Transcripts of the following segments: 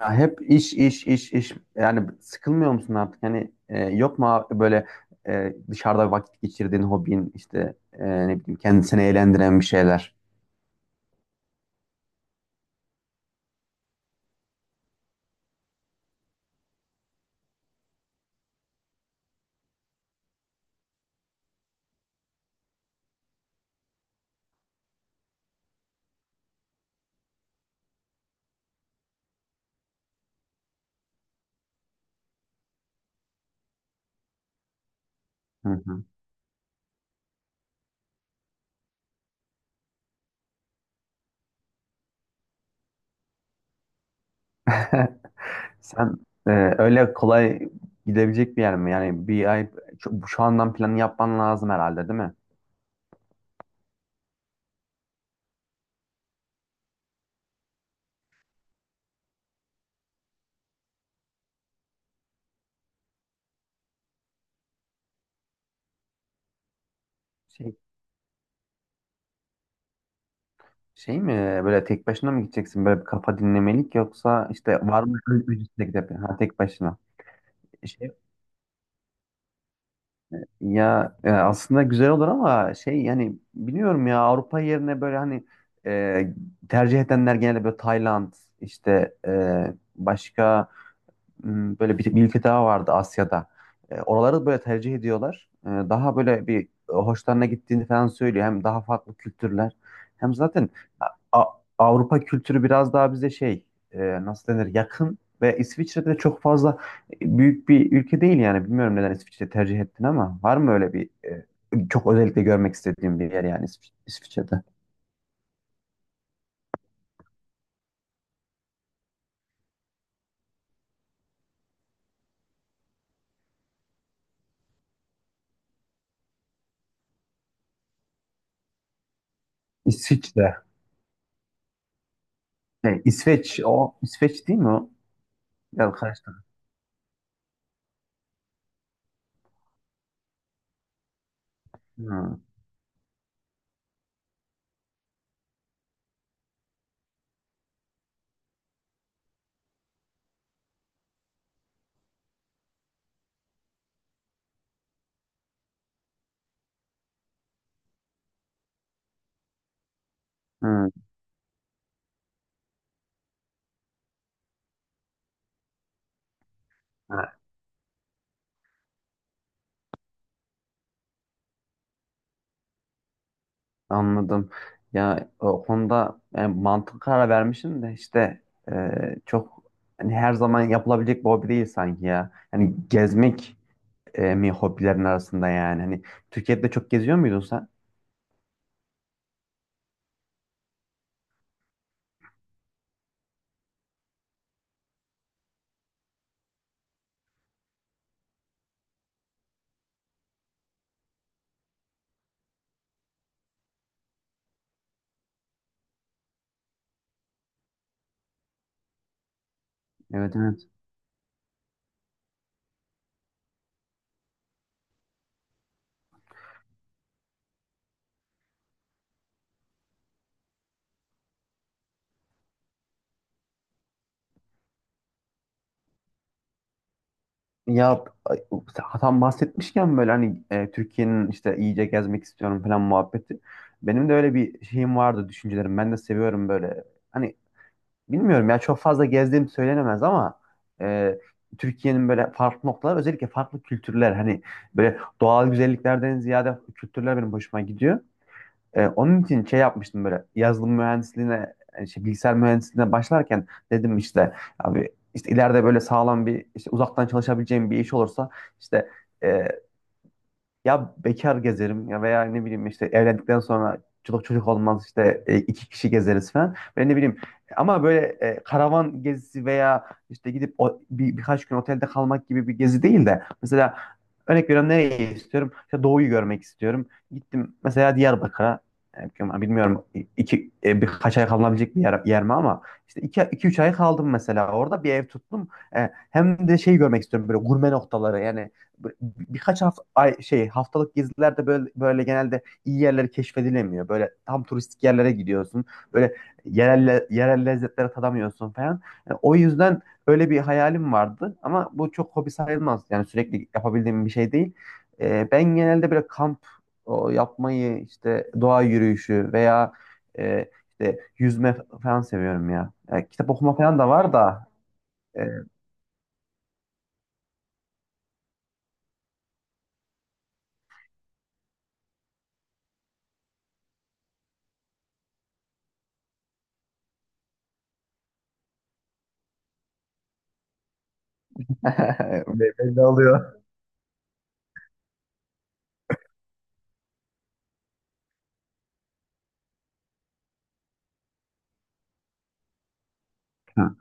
Ya hep iş iş iş iş yani sıkılmıyor musun artık? Hani yok mu abi böyle dışarıda vakit geçirdiğin hobin işte ne bileyim kendini eğlendiren bir şeyler. Hı hı. Sen e, öyle kolay gidebilecek bir yer mi? Yani bir ay şu andan planı yapman lazım herhalde değil mi? Şey, şey mi böyle tek başına mı gideceksin böyle bir kafa dinlemelik yoksa işte var mı öncesinde gidip ha, tek başına. E, Şey Ya aslında güzel olur ama şey yani biliyorum ya Avrupa yerine böyle hani e, tercih edenler genelde böyle Tayland işte başka Hmm, böyle bir ülke daha vardı Asya'da. Oraları böyle tercih ediyorlar. Daha böyle bir hoşlarına gittiğini falan söylüyor. Hem daha farklı kültürler. Hem zaten A- Avrupa kültürü biraz daha bize şey e, nasıl denir, yakın ve İsviçre'de de çok fazla büyük bir ülke değil yani. Bilmiyorum neden İsviçre tercih ettin ama var mı öyle bir çok özellikle görmek istediğim bir yer yani İsviçre'de? İsviçre. Şey, İsveç o, İsveç değil mi o? Biraz karıştırdım. Hmm, hmm. Ha, anladım. Ya o konuda yani mantık karar vermişim de işte çok hani her zaman yapılabilecek bir hobi değil sanki ya. Hani gezmek mi hobilerin arasında yani? Hani Türkiye'de çok geziyor muydun sen? Evet, evet. Ya ay, tam bahsetmişken böyle hani Türkiye'nin işte iyice gezmek istiyorum falan muhabbeti. Benim de öyle bir şeyim vardı, düşüncelerim. Ben de seviyorum böyle. Hani bilmiyorum ya çok fazla gezdiğim söylenemez ama e, Türkiye'nin böyle farklı noktalar, özellikle farklı kültürler hani böyle doğal güzelliklerden ziyade kültürler benim hoşuma gidiyor. Onun için şey yapmıştım, böyle yazılım mühendisliğine bilgisayar mühendisliğine başlarken dedim işte abi işte ileride böyle sağlam bir, işte uzaktan çalışabileceğim bir iş olursa işte e, ya bekar gezerim ya veya ne bileyim işte evlendikten sonra çocuk olmaz işte iki kişi gezeriz falan. Ben ne bileyim ama böyle karavan gezisi veya işte gidip o, birkaç gün otelde kalmak gibi bir gezi değil de, mesela örnek veriyorum, nereye istiyorum? İşte doğuyu görmek istiyorum. Gittim mesela Diyarbakır'a e, bilmiyorum, iki birkaç ay kalınabilecek bir yer mi ama işte iki üç ay kaldım mesela, orada bir ev tuttum. Hem de şey görmek istiyorum, böyle gurme noktaları yani bir- birkaç hafta ay şey haftalık gezilerde böyle böyle genelde iyi yerleri keşfedilemiyor. Böyle tam turistik yerlere gidiyorsun. Böyle yerel lezzetlere tadamıyorsun falan. Yani o yüzden öyle bir hayalim vardı ama bu çok hobi sayılmaz. Yani sürekli yapabildiğim bir şey değil. Ben genelde böyle kamp o, yapmayı, işte doğa yürüyüşü veya e, işte yüzme falan seviyorum ya. Yani kitap okuma falan da var da e, belli oluyor. Hı.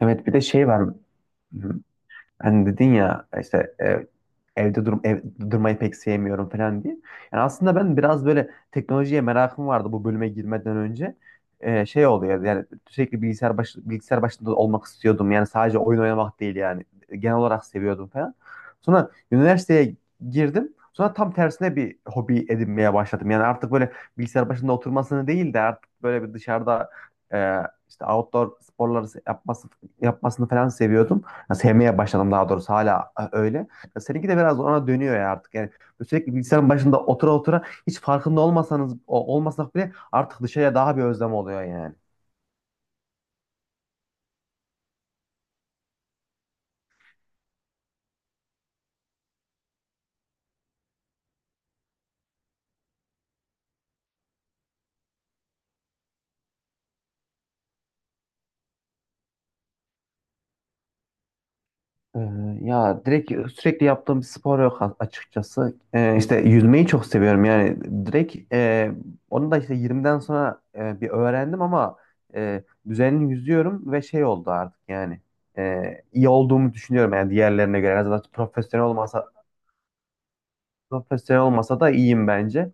Evet, bir de şey var. Hı. Hani dedin ya işte evde durmayı pek sevmiyorum falan diye. Yani aslında ben biraz böyle teknolojiye merakım vardı bu bölüme girmeden önce. Şey oluyor yani sürekli bilgisayar başında olmak istiyordum. Yani sadece oyun oynamak değil yani. Genel olarak seviyordum falan. Sonra üniversiteye girdim. Sonra tam tersine bir hobi edinmeye başladım. Yani artık böyle bilgisayar başında oturmasını değil de artık böyle bir dışarıda e, işte outdoor sporları yapmasını falan seviyordum. Ya sevmeye başladım daha doğrusu hala öyle. Ya seninki de biraz ona dönüyor ya artık. Yani böyle sürekli bilgisayarın başında otura otura hiç farkında olmasak bile artık dışarıya daha bir özlem oluyor yani. Ee, Ya direkt sürekli yaptığım bir spor yok açıkçası. İşte yüzmeyi çok seviyorum yani direkt onu da işte 20'den sonra bir öğrendim ama düzenli yüzüyorum ve şey oldu artık yani e, iyi olduğumu düşünüyorum yani diğerlerine göre. En azından profesyonel olmasa da iyiyim bence.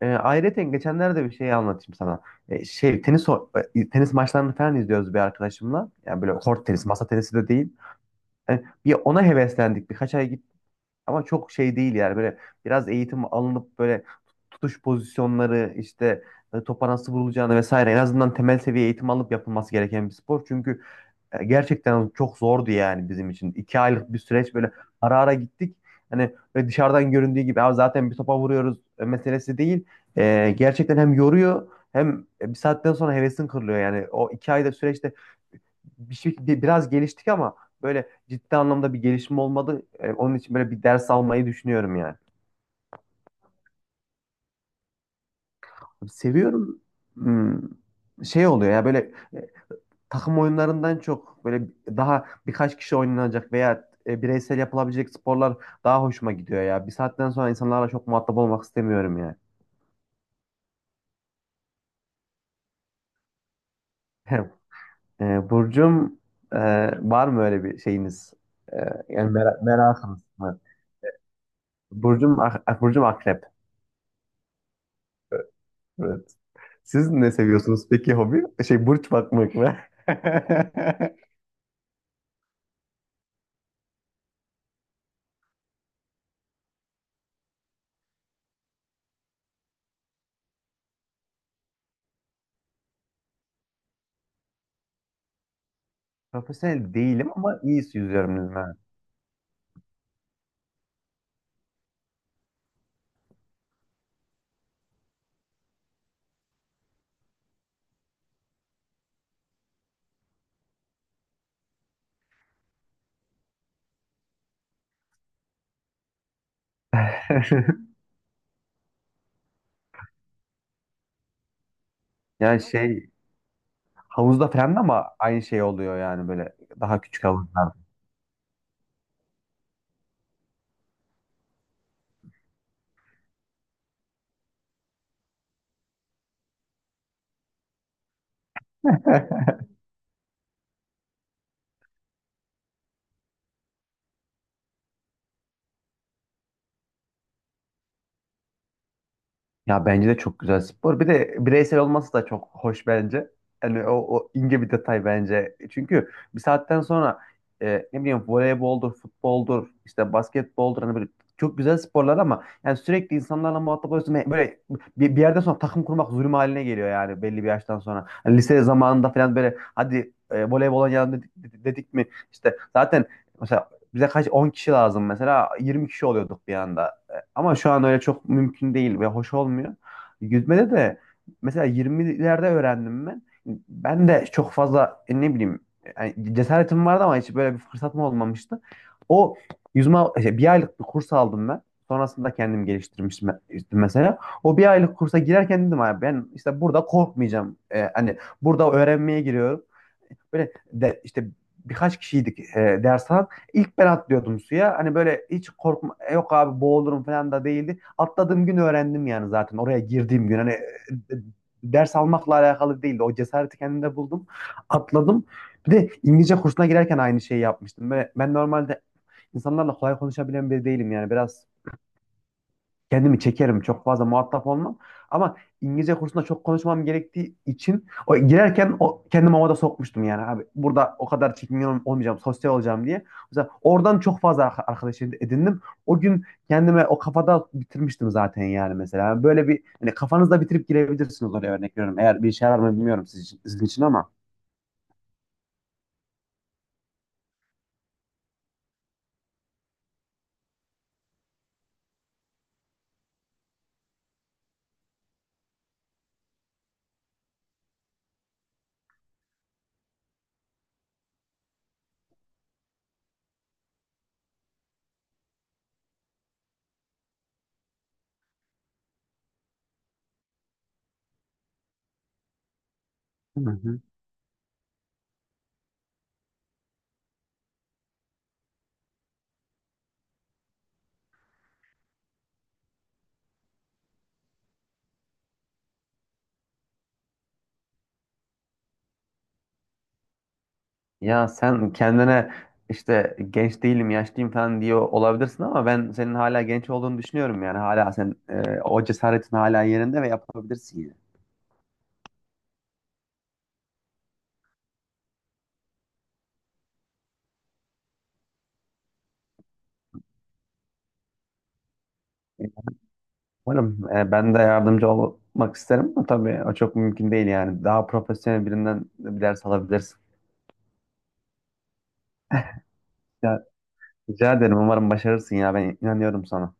Ayrıca geçenlerde bir şey anlatayım sana. Tenis maçlarını falan izliyoruz bir arkadaşımla. Yani böyle kort tenisi, masa tenisi de değil. Bir ona heveslendik. Birkaç ay git, ama çok şey değil yani, böyle biraz eğitim alınıp böyle tutuş pozisyonları işte topa nasıl vurulacağını vesaire, en azından temel seviye eğitim alıp yapılması gereken bir spor. Çünkü gerçekten çok zordu yani bizim için. İki aylık bir süreç böyle ara ara gittik. Hani böyle dışarıdan göründüğü gibi "abi zaten bir topa vuruyoruz meselesi" değil. Gerçekten hem yoruyor hem bir saatten sonra hevesin kırılıyor. Yani o iki ayda süreçte biraz geliştik ama böyle ciddi anlamda bir gelişme olmadı. Onun için böyle bir ders almayı düşünüyorum yani. Seviyorum. Hmm, şey oluyor ya böyle takım oyunlarından çok, böyle daha birkaç kişi oynanacak veya bireysel yapılabilecek sporlar daha hoşuma gidiyor ya. Bir saatten sonra insanlarla çok muhatap olmak istemiyorum ya. Burcum e, var mı öyle bir şeyiniz? E, Yani merakınız mı? Burcum akrep. Evet. Siz ne seviyorsunuz peki hobi? Şey, burç bakmak mı? Profesyonel değilim ama iyi yüzüyorum yüzme. Yani şey, havuzda falan da ama aynı şey oluyor yani, böyle daha küçük havuzlar. Ya bence de çok güzel spor. Bir de bireysel olması da çok hoş bence. Yani o, o ince bir detay bence. Çünkü bir saatten sonra ne bileyim voleyboldur, futboldur, işte basketboldur, hani böyle çok güzel sporlar ama yani sürekli insanlarla muhatap oluyorsun. Ve böyle bir yerden sonra takım kurmak zulüm haline geliyor yani belli bir yaştan sonra. Hani lise zamanında falan böyle hadi voleybol dedik mi işte zaten mesela bize kaç 10 kişi lazım, mesela 20 kişi oluyorduk bir anda ama şu an öyle çok mümkün değil ve hoş olmuyor. Yüzmede de mesela 20'lerde öğrendim ben. Ben de çok fazla ne bileyim, yani cesaretim vardı ama hiç böyle bir fırsatım olmamıştı. O yüzme şey, bir aylık bir kurs aldım ben. Sonrasında kendim geliştirmiştim işte mesela. O bir aylık kursa girerken dedim abi ben işte burada korkmayacağım. Hani burada öğrenmeye giriyorum. Böyle de, işte birkaç kişiydik e, ders İlk ben atlıyordum suya. Hani böyle hiç korkma, "e, yok abi boğulurum" falan da değildi. Atladığım gün öğrendim yani, zaten oraya girdiğim gün hani e, ders almakla alakalı değildi. O cesareti kendimde buldum. Atladım. Bir de İngilizce kursuna girerken aynı şeyi yapmıştım. Böyle ben normalde insanlarla kolay konuşabilen biri değilim yani. Biraz kendimi çekerim. Çok fazla muhatap olmam. Ama İngilizce kursunda çok konuşmam gerektiği için o girerken o kendimi havada sokmuştum yani abi. Burada o kadar çekingen olmayacağım, sosyal olacağım diye. Mesela oradan çok fazla arkadaş edindim. O gün kendime o kafada bitirmiştim zaten yani mesela. Böyle bir, hani kafanızda bitirip girebilirsiniz oraya, örnek veriyorum. Eğer bir işe yarar mı bilmiyorum sizin için ama. Hı hı. Ya sen kendine işte genç değilim, yaşlıyım falan diyor olabilirsin ama ben senin hala genç olduğunu düşünüyorum yani. Hala sen o cesaretin hala yerinde ve yapabilirsin yani. Umarım, ben de yardımcı olmak isterim ama tabii o çok mümkün değil yani. Daha profesyonel birinden bir ders alabilirsin. Ya, rica ederim, umarım başarırsın ya, ben inanıyorum sana.